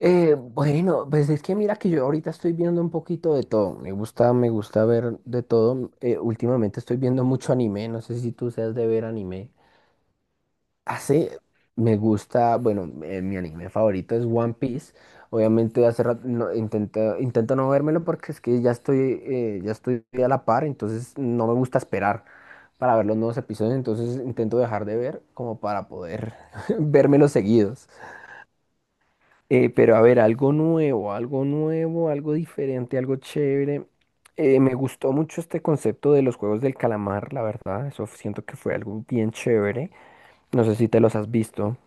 Bueno, pues es que mira que yo ahorita estoy viendo un poquito de todo. Me gusta ver de todo. Últimamente estoy viendo mucho anime. No sé si tú seas de ver anime. Hace, me gusta, mi anime favorito es One Piece. Obviamente hace rato no, intento no vérmelo porque es que ya estoy a la par, entonces no me gusta esperar para ver los nuevos episodios. Entonces intento dejar de ver como para poder vérmelos seguidos. Pero a ver, algo nuevo, algo nuevo, algo diferente, algo chévere. Me gustó mucho este concepto de los juegos del calamar, la verdad. Eso siento que fue algo bien chévere. No sé si te los has visto.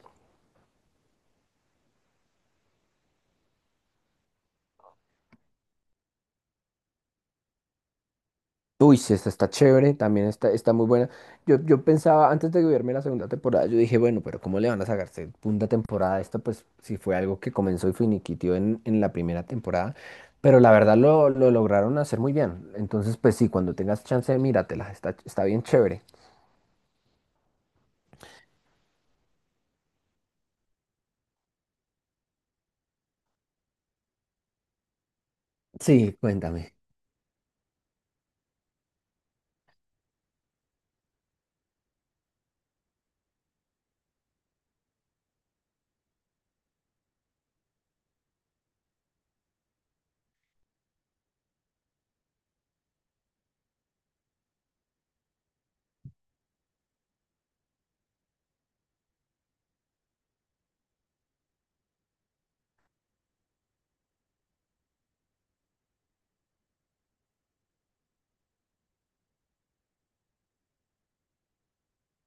Uy, sí, esta está chévere, también está, está muy buena. Yo pensaba, antes de verme la segunda temporada, yo dije, bueno, pero ¿cómo le van a sacar segunda temporada a esta? Pues si fue algo que comenzó y finiquitió en la primera temporada. Pero la verdad lo lograron hacer muy bien. Entonces, pues sí, cuando tengas chance, míratela, está, está bien chévere. Sí, cuéntame.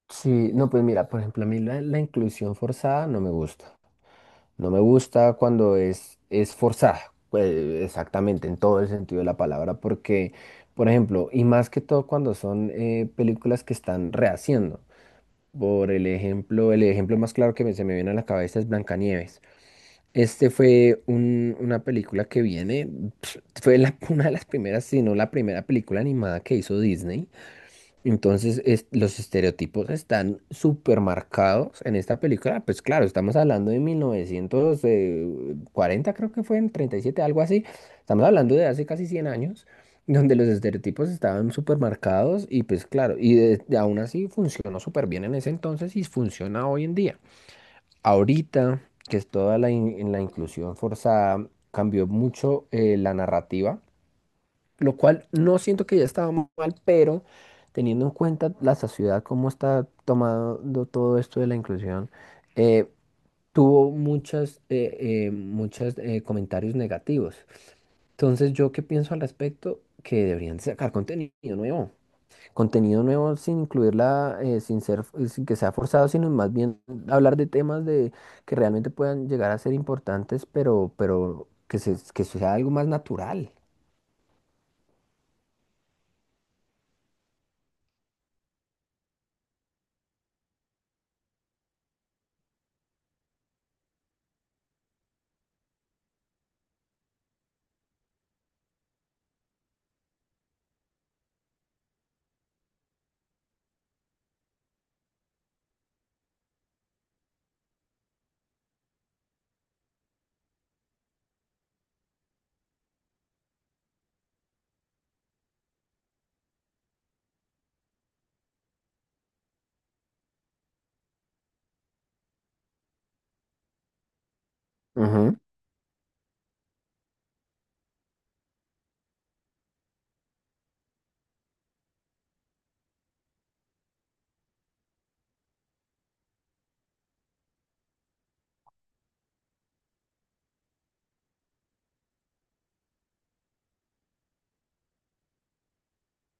Sí, no, pues mira, por ejemplo, a mí la inclusión forzada no me gusta. No me gusta cuando es forzada, pues, exactamente, en todo el sentido de la palabra, porque, por ejemplo, y más que todo cuando son películas que están rehaciendo. Por el ejemplo más claro que se me viene a la cabeza es Blancanieves. Este fue una película que viene, fue una de las primeras, si no la primera película animada que hizo Disney. Entonces, los estereotipos están súper marcados en esta película. Pues claro, estamos hablando de mil novecientos cuarenta, creo que fue en 37, algo así. Estamos hablando de hace casi 100 años, donde los estereotipos estaban súper marcados y pues claro, aún así funcionó súper bien en ese entonces y funciona hoy en día. Ahorita, que es toda la inclusión forzada, cambió mucho la narrativa, lo cual no siento que ya estaba mal, pero teniendo en cuenta la sociedad, cómo está tomando todo esto de la inclusión, eh, tuvo muchas, muchos comentarios negativos. Entonces, ¿yo qué pienso al respecto? Que deberían de sacar contenido nuevo. Contenido nuevo sin incluirla, sin que sea forzado, sino más bien hablar de temas de, que realmente puedan llegar a ser importantes, pero, que sea algo más natural.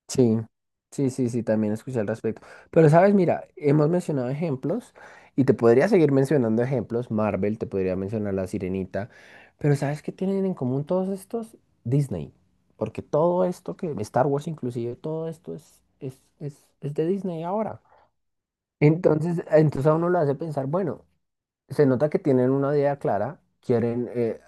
Sí, sí, sí, también escuché al respecto. Pero sabes, mira, hemos mencionado ejemplos y te podría seguir mencionando ejemplos. Marvel, te podría mencionar La Sirenita. Pero ¿sabes qué tienen en común todos estos? Disney. Porque todo esto que, Star Wars inclusive, todo esto es de Disney ahora. Entonces a uno lo hace pensar, bueno, se nota que tienen una idea clara, quieren,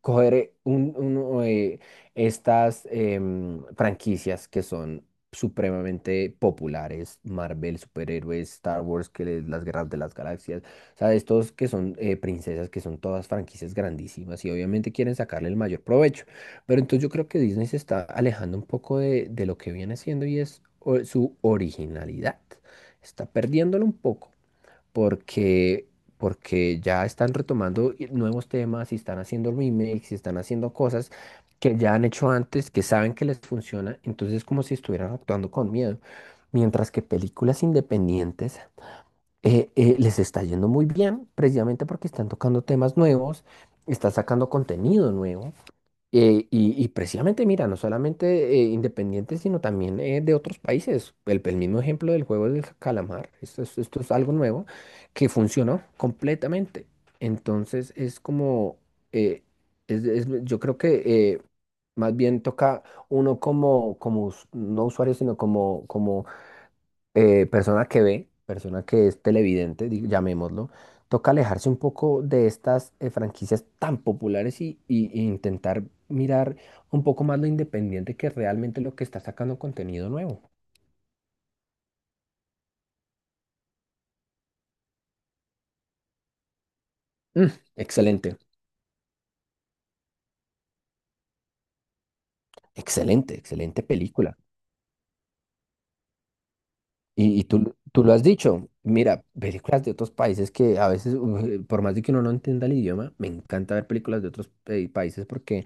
coger estas franquicias que son supremamente populares, Marvel, superhéroes, Star Wars, las guerras de las galaxias, o sea, estos que son princesas, que son todas franquicias grandísimas y obviamente quieren sacarle el mayor provecho. Pero entonces yo creo que Disney se está alejando un poco de lo que viene siendo y es su originalidad. Está perdiéndolo un poco porque, porque ya están retomando nuevos temas y están haciendo remakes y están haciendo cosas que ya han hecho antes, que saben que les funciona, entonces es como si estuvieran actuando con miedo. Mientras que películas independientes les está yendo muy bien, precisamente porque están tocando temas nuevos, están sacando contenido nuevo. Y precisamente, mira, no solamente independientes, sino también de otros países. El mismo ejemplo del juego del calamar. Esto es algo nuevo que funcionó completamente. Entonces es como, eh, yo creo que más bien toca uno como, no usuario, sino como, persona que ve, persona que es televidente, llamémoslo, toca alejarse un poco de estas franquicias tan populares y e intentar mirar un poco más lo independiente, que realmente lo que está sacando contenido nuevo. Mm, excelente, excelente, excelente película. Y y tú lo has dicho, mira, películas de otros países que a veces, por más de que uno no entienda el idioma, me encanta ver películas de otros países porque.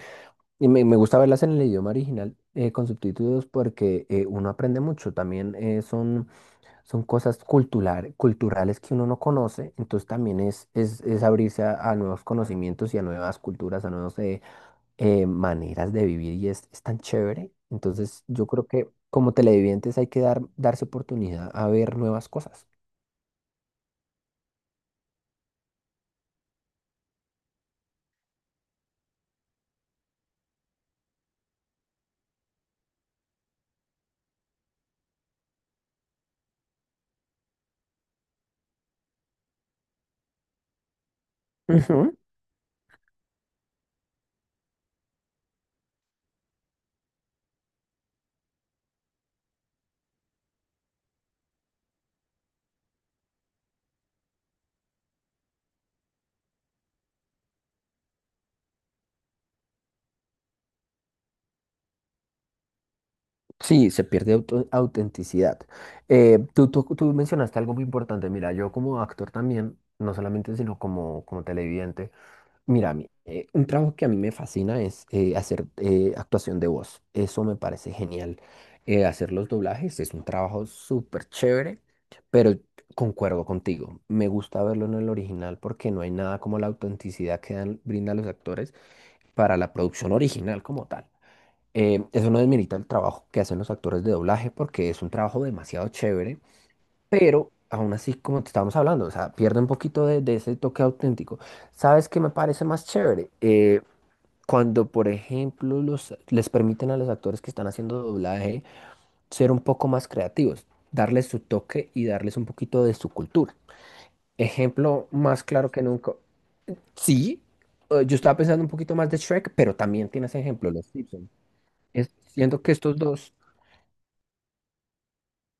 Y me gusta verlas en el idioma original con subtítulos porque uno aprende mucho. También son cosas culturales que uno no conoce. Entonces también es abrirse a nuevos conocimientos y a nuevas culturas, a nuevas maneras de vivir. Y es tan chévere. Entonces yo creo que como televidentes hay que dar, darse oportunidad a ver nuevas cosas. Ujú. Sí, se pierde autenticidad. Tú mencionaste algo muy importante. Mira, yo como actor también, no solamente, sino como, como televidente. Mira, a mí, un trabajo que a mí me fascina es hacer actuación de voz. Eso me parece genial. Hacer los doblajes es un trabajo súper chévere, pero concuerdo contigo. Me gusta verlo en el original porque no hay nada como la autenticidad que brindan los actores para la producción original como tal. Eso no desmerita el trabajo que hacen los actores de doblaje porque es un trabajo demasiado chévere, pero aún así, como te estábamos hablando, o sea, pierde un poquito de ese toque auténtico. ¿Sabes qué me parece más chévere? Cuando, por ejemplo, les permiten a los actores que están haciendo doblaje ser un poco más creativos, darles su toque y darles un poquito de su cultura. Ejemplo más claro que nunca. Sí, yo estaba pensando un poquito más de Shrek, pero también tienes ejemplo, los Simpsons. Siento que estos dos...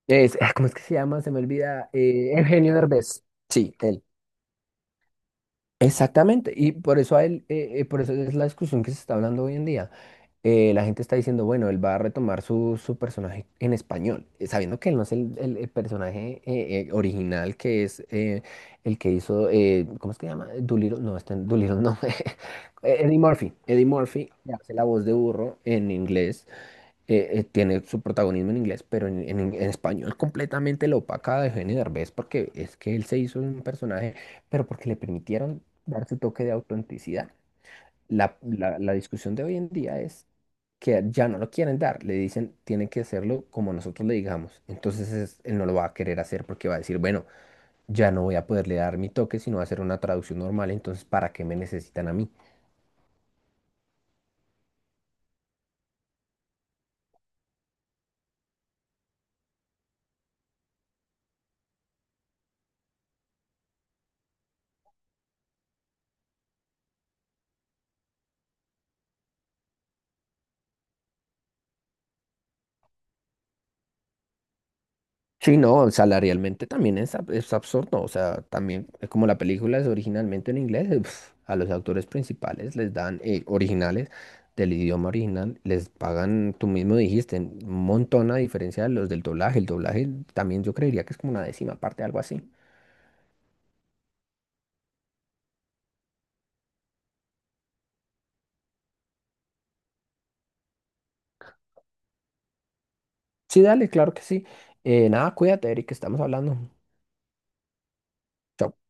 ¿Cómo es que se llama? Se me olvida. Eugenio Derbez. Sí, él. Exactamente. Y por eso a él, por eso es la discusión que se está hablando hoy en día. La gente está diciendo, bueno, él va a retomar su personaje en español, sabiendo que él no es el personaje original, que es el que hizo, ¿cómo es que se llama? Doolittle, no, este, Doolittle, no, Eddie Murphy, Eddie Murphy, que hace la voz de burro en inglés. Tiene su protagonismo en inglés, pero en español completamente lo opaca de Eugenio Derbez, porque es que él se hizo un personaje, pero porque le permitieron dar su toque de autenticidad. La discusión de hoy en día es que ya no lo quieren dar, le dicen, tienen que hacerlo como nosotros le digamos. Entonces él no lo va a querer hacer porque va a decir, bueno, ya no voy a poderle dar mi toque, sino va a hacer una traducción normal, entonces ¿para qué me necesitan a mí? Sí, no, salarialmente también es absurdo, o sea, también como la película es originalmente en inglés, a los autores principales les dan originales del idioma original, les pagan, tú mismo dijiste, un montón a diferencia de los del doblaje, el doblaje también yo creería que es como una décima parte, algo así. Sí, dale, claro que sí. Nada, cuídate, Eric, estamos hablando. Chao.